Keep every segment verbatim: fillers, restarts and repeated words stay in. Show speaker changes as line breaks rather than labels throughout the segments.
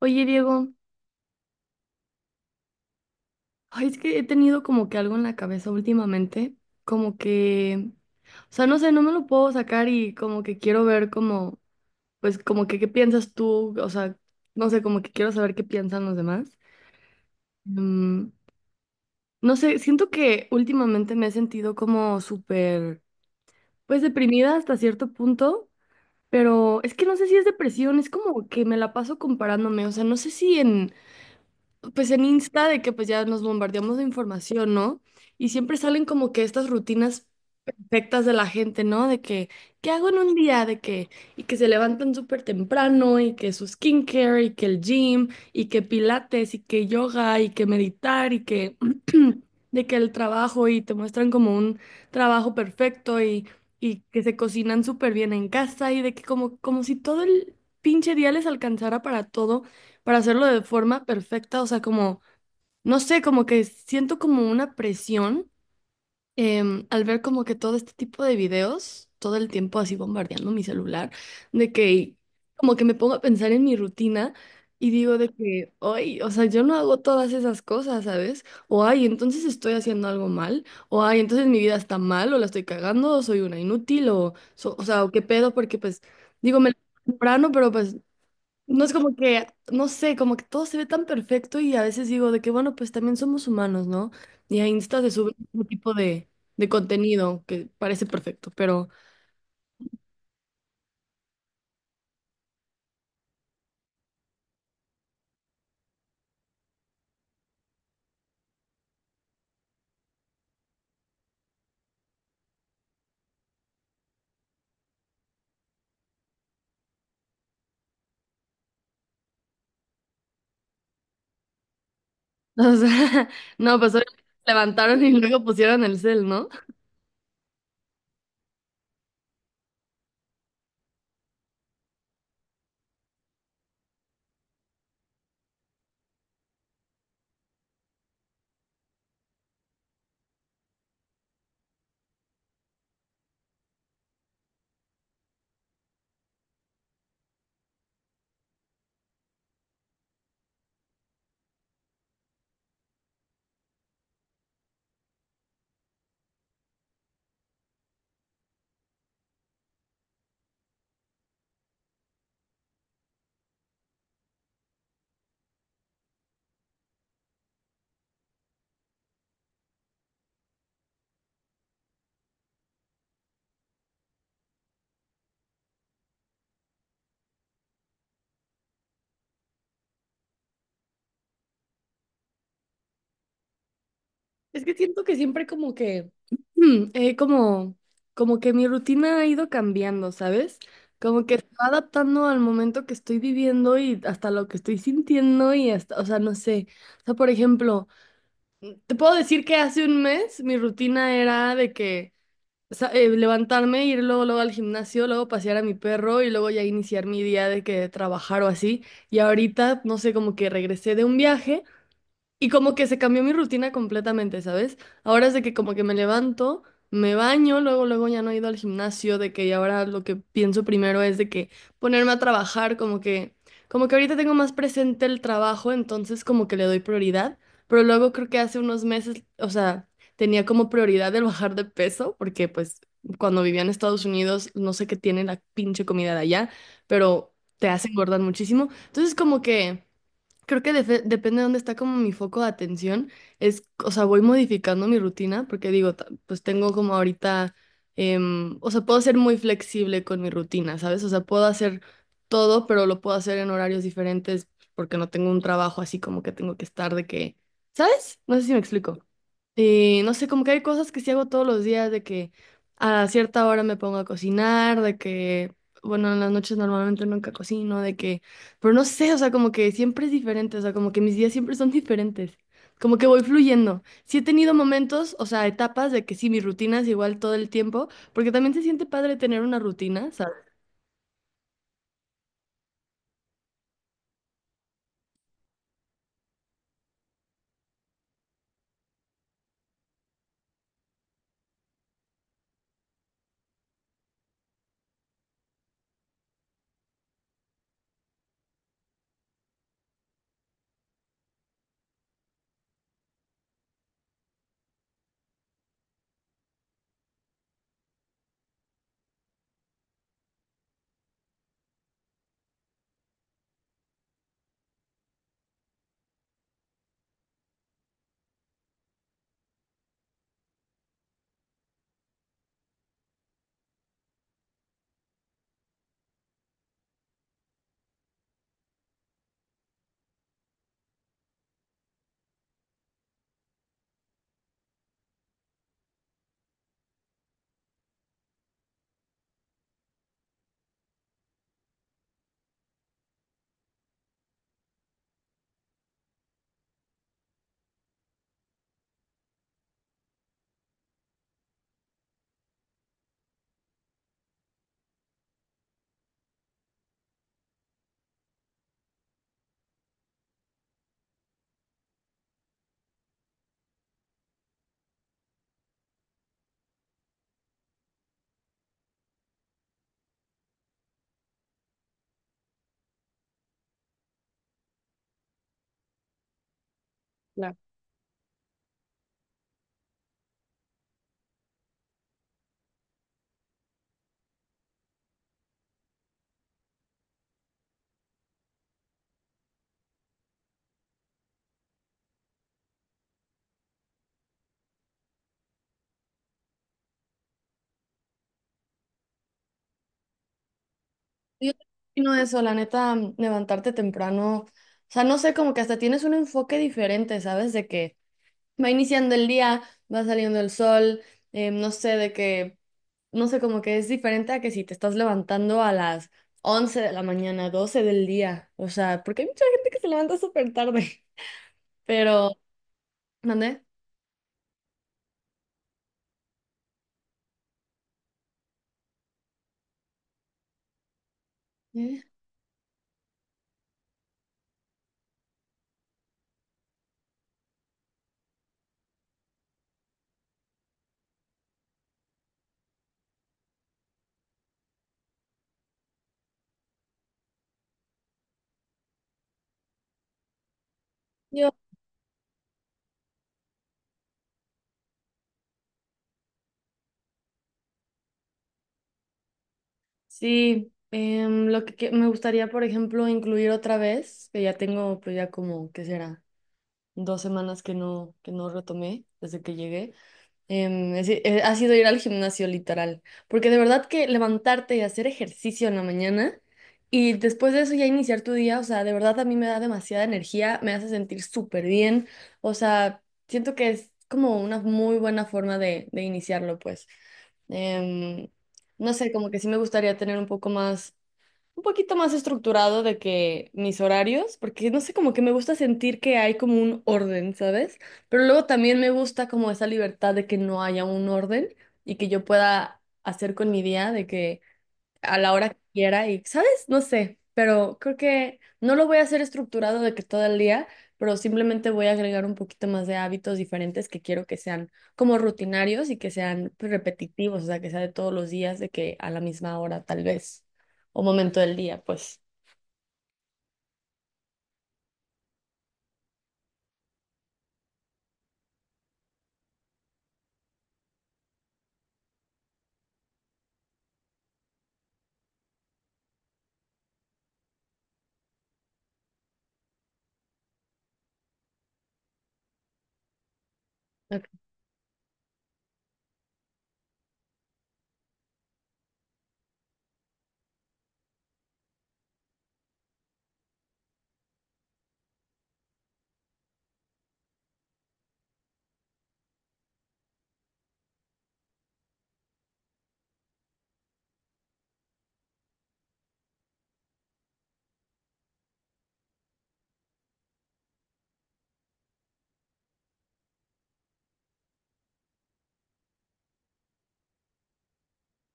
Oye, Diego, ay, es que he tenido como que algo en la cabeza últimamente, como que, o sea, no sé, no me lo puedo sacar y como que quiero ver como, pues como que qué piensas tú, o sea, no sé, como que quiero saber qué piensan los demás. Mm, no sé, siento que últimamente me he sentido como súper, pues deprimida hasta cierto punto, pero es que no sé si es depresión, es como que me la paso comparándome, o sea, no sé si en pues en Insta de que pues ya nos bombardeamos de información, ¿no? Y siempre salen como que estas rutinas perfectas de la gente, ¿no? De que, ¿qué hago en un día? De que, y que se levantan súper temprano, y que su skincare, y que el gym, y que pilates, y que yoga, y que meditar, y que, de que el trabajo, y te muestran como un trabajo perfecto, y, y que se cocinan súper bien en casa, y de que como, como si todo el pinche día les alcanzara para todo para hacerlo de forma perfecta, o sea, como, no sé, como que siento como una presión em, al ver como que todo este tipo de videos, todo el tiempo así bombardeando mi celular, de que como que me pongo a pensar en mi rutina y digo de que, ay, o sea, yo no hago todas esas cosas, ¿sabes? O ay, entonces estoy haciendo algo mal, o ay, entonces mi vida está mal, o la estoy cagando, o soy una inútil, o, so- o sea, o qué pedo, porque pues, digo, me levanto temprano, pero pues no es como que, no sé, como que todo se ve tan perfecto y a veces digo de que, bueno, pues también somos humanos, ¿no? Y a Insta se sube un tipo de, de contenido que parece perfecto, pero, o sea, no, pues obviamente levantaron y luego pusieron el cel, ¿no? Es que siento que siempre como que, mm, eh, como, como que mi rutina ha ido cambiando, ¿sabes? Como que se va adaptando al momento que estoy viviendo y hasta lo que estoy sintiendo y hasta, o sea, no sé. O sea, por ejemplo, te puedo decir que hace un mes mi rutina era de que sa- eh, levantarme, ir luego, luego al gimnasio, luego pasear a mi perro y luego ya iniciar mi día de que trabajar o así. Y ahorita, no sé, como que regresé de un viaje y como que se cambió mi rutina completamente, ¿sabes? Ahora es de que como que me levanto, me baño, luego, luego ya no he ido al gimnasio, de que ahora lo que pienso primero es de que ponerme a trabajar, como que, como que ahorita tengo más presente el trabajo, entonces como que le doy prioridad, pero luego creo que hace unos meses, o sea, tenía como prioridad el bajar de peso, porque pues cuando vivía en Estados Unidos, no sé qué tiene la pinche comida de allá, pero te hace engordar muchísimo. Entonces como que creo que defe- depende de dónde está como mi foco de atención. Es, o sea, voy modificando mi rutina porque digo, ta- pues tengo como ahorita, em, o sea, puedo ser muy flexible con mi rutina, ¿sabes? O sea, puedo hacer todo, pero lo puedo hacer en horarios diferentes porque no tengo un trabajo así como que tengo que estar de que, ¿sabes? No sé si me explico. Y no sé, como que hay cosas que sí hago todos los días, de que a cierta hora me pongo a cocinar, de que, bueno, en las noches normalmente nunca cocino, de que, pero no sé, o sea, como que siempre es diferente, o sea, como que mis días siempre son diferentes, como que voy fluyendo. Sí he tenido momentos, o sea, etapas de que sí, mi rutina es igual todo el tiempo, porque también se siente padre tener una rutina, ¿sabes? Claro. Yo no eso, la neta, mm, levantarte temprano, o sea, no sé, como que hasta tienes un enfoque diferente, ¿sabes? De que va iniciando el día, va saliendo el sol, eh, no sé de qué, no sé, como que es diferente a que si te estás levantando a las once de la mañana, doce del día, o sea, porque hay mucha gente que se levanta súper tarde, pero, ¿mandé? ¿Eh? Yo, sí, em, lo que que- me gustaría, por ejemplo, incluir otra vez, que ya tengo, pues ya como, ¿qué será? Dos semanas que no, que no retomé desde que llegué. Em, es- eh, ha sido ir al gimnasio literal, porque de verdad que levantarte y hacer ejercicio en la mañana y después de eso ya iniciar tu día, o sea, de verdad a mí me da demasiada energía, me hace sentir súper bien, o sea, siento que es como una muy buena forma de, de iniciarlo, pues. Em, no sé, como que sí me gustaría tener un poco más un poquito más estructurado de que mis horarios, porque no sé, como que me gusta sentir que hay como un orden, ¿sabes? Pero luego también me gusta como esa libertad de que no haya un orden y que yo pueda hacer con mi día, de que a la hora que quiera y, ¿sabes? No sé, pero creo que no lo voy a hacer estructurado de que todo el día, pero simplemente voy a agregar un poquito más de hábitos diferentes que quiero que sean como rutinarios y que sean pues, repetitivos, o sea, que sea de todos los días, de que a la misma hora tal vez, o momento del día, pues.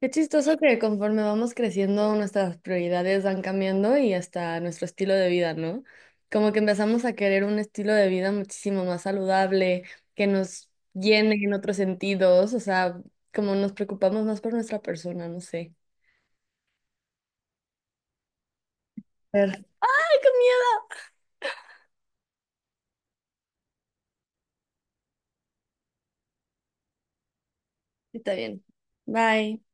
Qué chistoso que conforme vamos creciendo, nuestras prioridades van cambiando y hasta nuestro estilo de vida, ¿no? Como que empezamos a querer un estilo de vida muchísimo más saludable, que nos llene en otros sentidos, o sea, como nos preocupamos más por nuestra persona, no sé. Pero- Ay, qué miedo. Está bien. Bye.